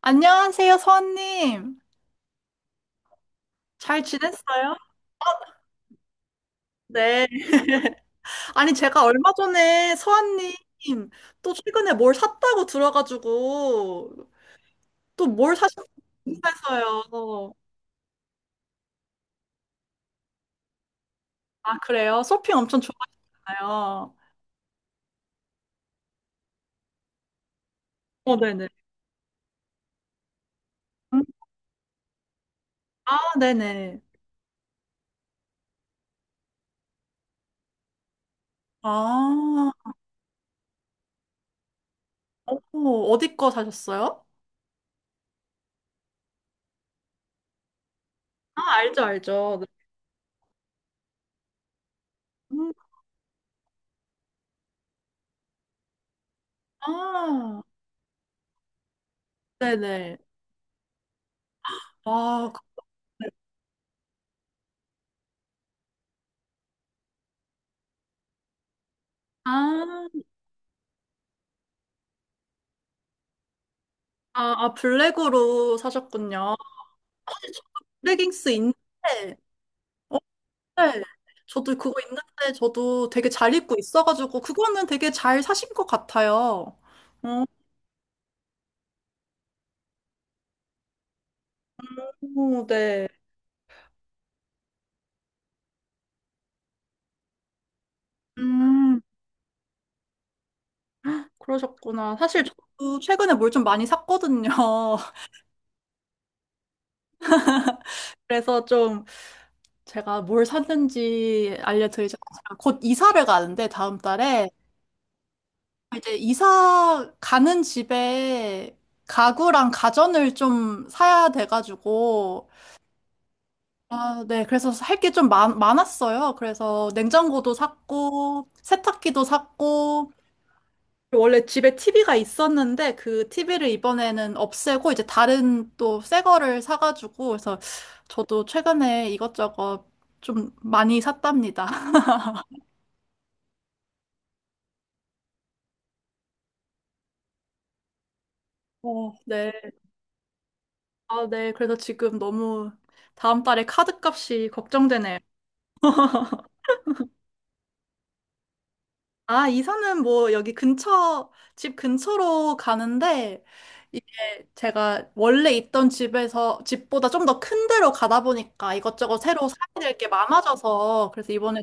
안녕하세요, 서원님. 잘 지냈어요? 네. 아니, 제가 얼마 전에 서원님 또 최근에 뭘 샀다고 들어가지고 또 뭘 사셨는지 궁금해서요. 아, 그래요? 쇼핑 엄청 좋아하시아요? 어, 네네. 음. 아, 네네. 아, 어, 어디 거 사셨어요? 아, 알죠, 알죠. 네. 음, 아, 네네. 아, 그- 아, 아, 블랙으로 사셨군요. 사실 저도 레깅스 있는데, 어, 네. 저도 그거 있는데, 저도 되게 잘 입고 있어가지고, 그거는 되게 잘 사신 것 같아요. 어, 네. 음. 그러셨구나. 사실 저도 최근에 뭘 좀 많이 샀거든요. 그래서 좀 제가 뭘 샀는지 알려드리자면, 제가 곧 이사를 가는데, 다음 달에. 이제 이사 가는 집에 가구랑 가전을 좀 사야 돼가지고, 아, 네. 그래서 할 게 좀 많았어요. 그래서 냉장고도 샀고, 세탁기도 샀고, 원래 집에 TV가 있었는데 그 TV를 이번에는 없애고 이제 다른 또 새 거를 사가지고 그래서 저도 최근에 이것저것 좀 많이 샀답니다. 어, 네. 아, 네. 그래서 지금 너무 다음 달에 카드 값이 걱정되네요. 아, 이사는 뭐 여기 근처, 집 근처로 가는데, 이게 제가 원래 있던 집에서, 집보다 좀 더 큰 데로 가다 보니까 이것저것 새로 사야 될 게 많아져서, 그래서 이번에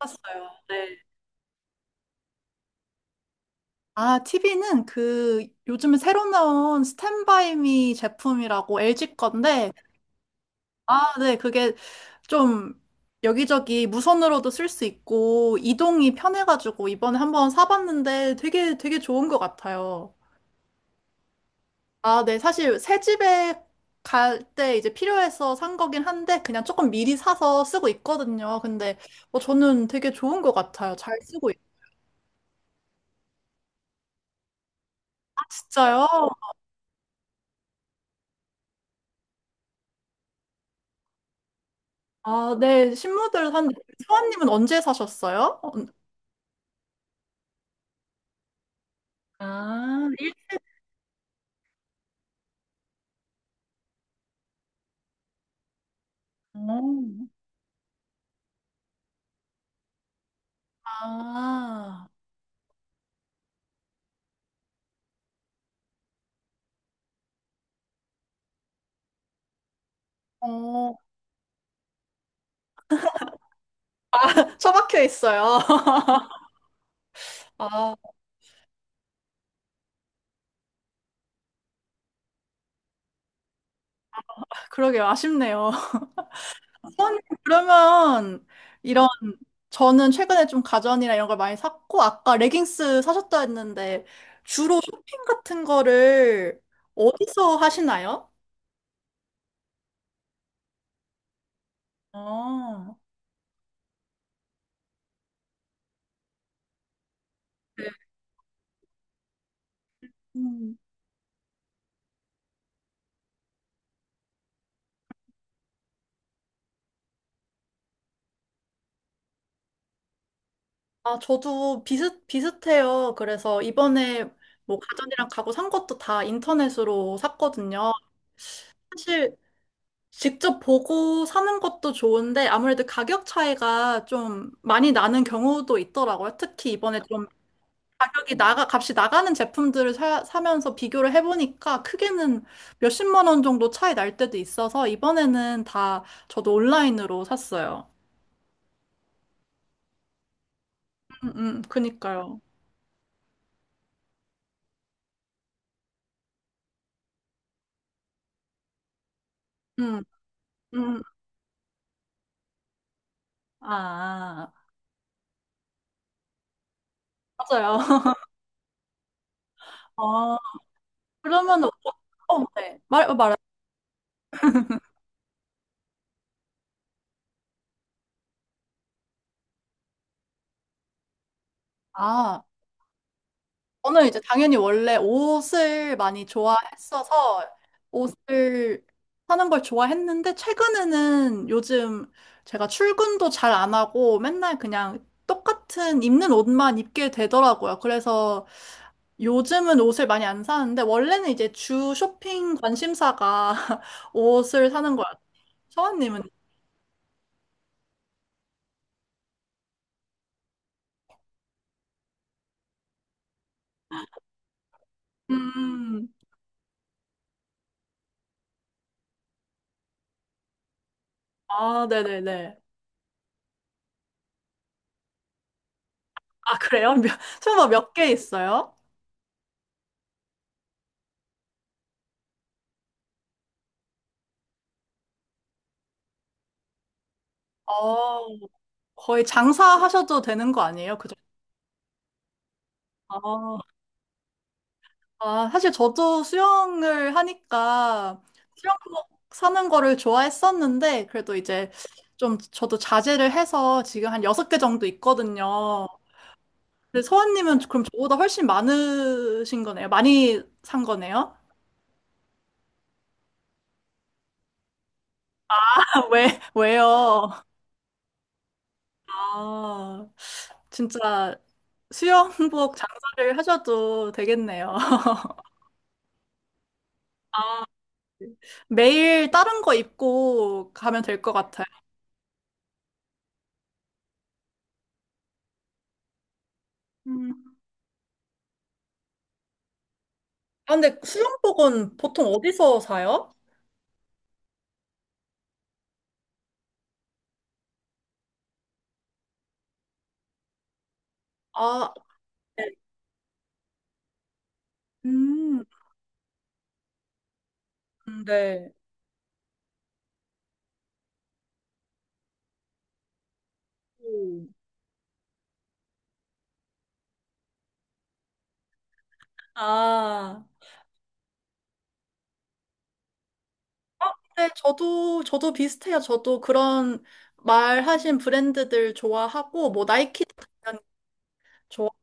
샀어요. 네. 아, TV는 그 요즘에 새로 나온 스탠바이미 제품이라고 LG 건데, 아, 네, 그게 좀 여기저기 무선으로도 쓸 수 있고, 이동이 편해가지고 이번에 한번 사봤는데 되게 되게 좋은 것 같아요. 아, 네. 사실 새 집에 갈 때 이제 필요해서 산 거긴 한데 그냥 조금 미리 사서 쓰고 있거든요. 근데 뭐 저는 되게 좋은 것 같아요. 잘 쓰고 있. 진짜요? 아, 네. 신문들 샀는데 소아님은 언제 사셨어요? 아, 어. 아, 어, 처박혀 있어요. 아, 그러게요. 아쉽네요. 선생님, 그러면 이런 저는 최근에 좀 가전이나 이런 걸 많이 샀고 아까 레깅스 사셨다 했는데 주로 쇼핑 같은 거를 어디서 하시나요? 아, 네. 음. 아, 저도 비슷 비슷해요. 그래서 이번에 뭐 가전이랑 가구 산 것도 다 인터넷으로 샀거든요. 사실 직접 보고 사는 것도 좋은데 아무래도 가격 차이가 좀 많이 나는 경우도 있더라고요. 특히 이번에 좀 값이 나가는 제품들을 사면서 비교를 해보니까 크게는 몇십만 원 정도 차이 날 때도 있어서 이번에는 다 저도 온라인으로 샀어요. 그니까요. 음, 음, 아, 아, 아. 맞아요. 어, 그러면, 어, 어, 네. 말해. 아. 저는 이제 당연히 원래 옷을 많이 좋아했어서 옷을 사는 걸 좋아했는데 최근에는 요즘 제가 출근도 잘 안 하고 맨날 그냥 똑같은 입는 옷만 입게 되더라고요. 그래서 요즘은 옷을 많이 안 사는데 원래는 이제 주 쇼핑 관심사가 옷을 사는 거예요. 서원님은? 음, 아, 네네네. 아, 그래요? 설마 몇 개 있어요? 어, 거의 장사하셔도 되는 거 아니에요? 그죠? 아, 아, 사실 저도 수영을 하니까 수영복 사는 거를 좋아했었는데, 그래도 이제 좀 저도 자제를 해서 지금 한 6개 정도 있거든요. 근데 서원님은 그럼 저보다 훨씬 많으신 거네요? 많이 산 거네요? 왜요? 아, 진짜 수영복 장사를 하셔도 되겠네요. 매일 다른 거 입고 가면 될 것 같아요. 아, 근데 수영복은 보통 어디서 사요? 아, 네. 음, 네. 오. 아, 네, 저도 비슷해요. 저도 그런 말하신 브랜드들 좋아하고, 뭐, 나이키도 당연히 좋아하는데,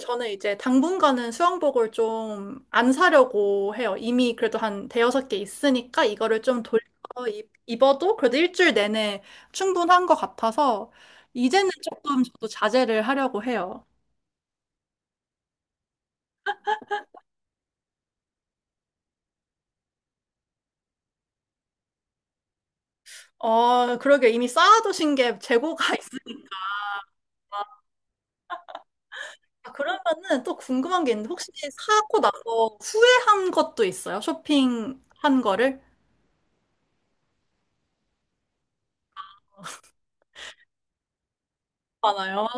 저는 이제 당분간은 수영복을 좀 안 사려고 해요. 이미 그래도 한 대여섯 개 있으니까, 이거를 좀 돌려 입어도 그래도 일주일 내내 충분한 것 같아서, 이제는 조금 저도 자제를 하려고 해요. 그러게 이미 쌓아두신 게 재고가 있으니까 그러면은 또 궁금한 게 있는데 혹시 사고 나서 후회한 것도 있어요? 쇼핑한 거를? 많아요.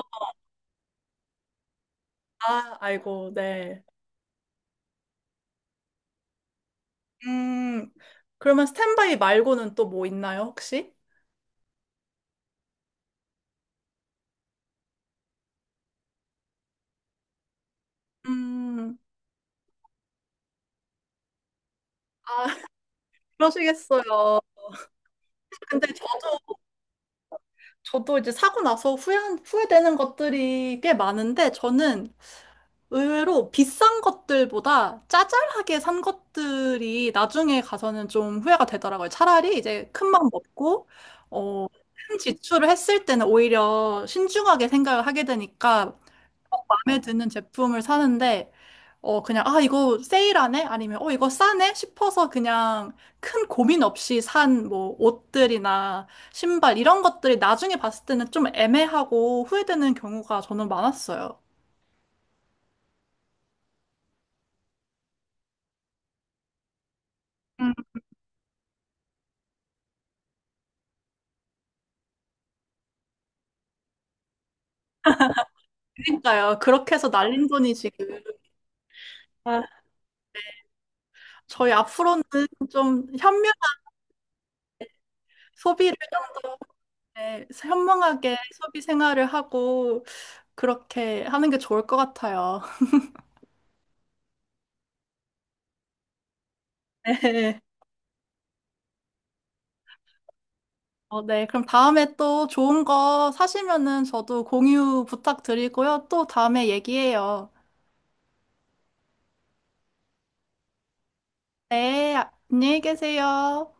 아, 아이고, 네. 음, 그러면 스탠바이 말고는 또 뭐 있나요, 혹시? 음, 아, 그러시겠어요. 근데 저도 이제 사고 나서 후회되는 것들이 꽤 많은데 저는 의외로 비싼 것들보다 짜잘하게 산 것들이 나중에 가서는 좀 후회가 되더라고요. 차라리 이제 큰맘 먹고, 큰 지출을 했을 때는 오히려 신중하게 생각을 하게 되니까 마음에 드는 제품을 사는데, 그냥, 아, 이거 세일하네? 아니면, 이거 싸네? 싶어서 그냥 큰 고민 없이 산 뭐 옷들이나 신발 이런 것들이 나중에 봤을 때는 좀 애매하고 후회되는 경우가 저는 많았어요. 그러니까요. 그렇게 해서 날린 돈이 지금. 아, 저희 앞으로는 좀 현명한 소비를 좀더 현명하게 소비 생활을 하고 그렇게 하는 게 좋을 것 같아요. 네. 어, 네. 그럼 다음에 또 좋은 거 사시면은 저도 공유 부탁드리고요. 또 다음에 얘기해요. 네. 안녕히 계세요.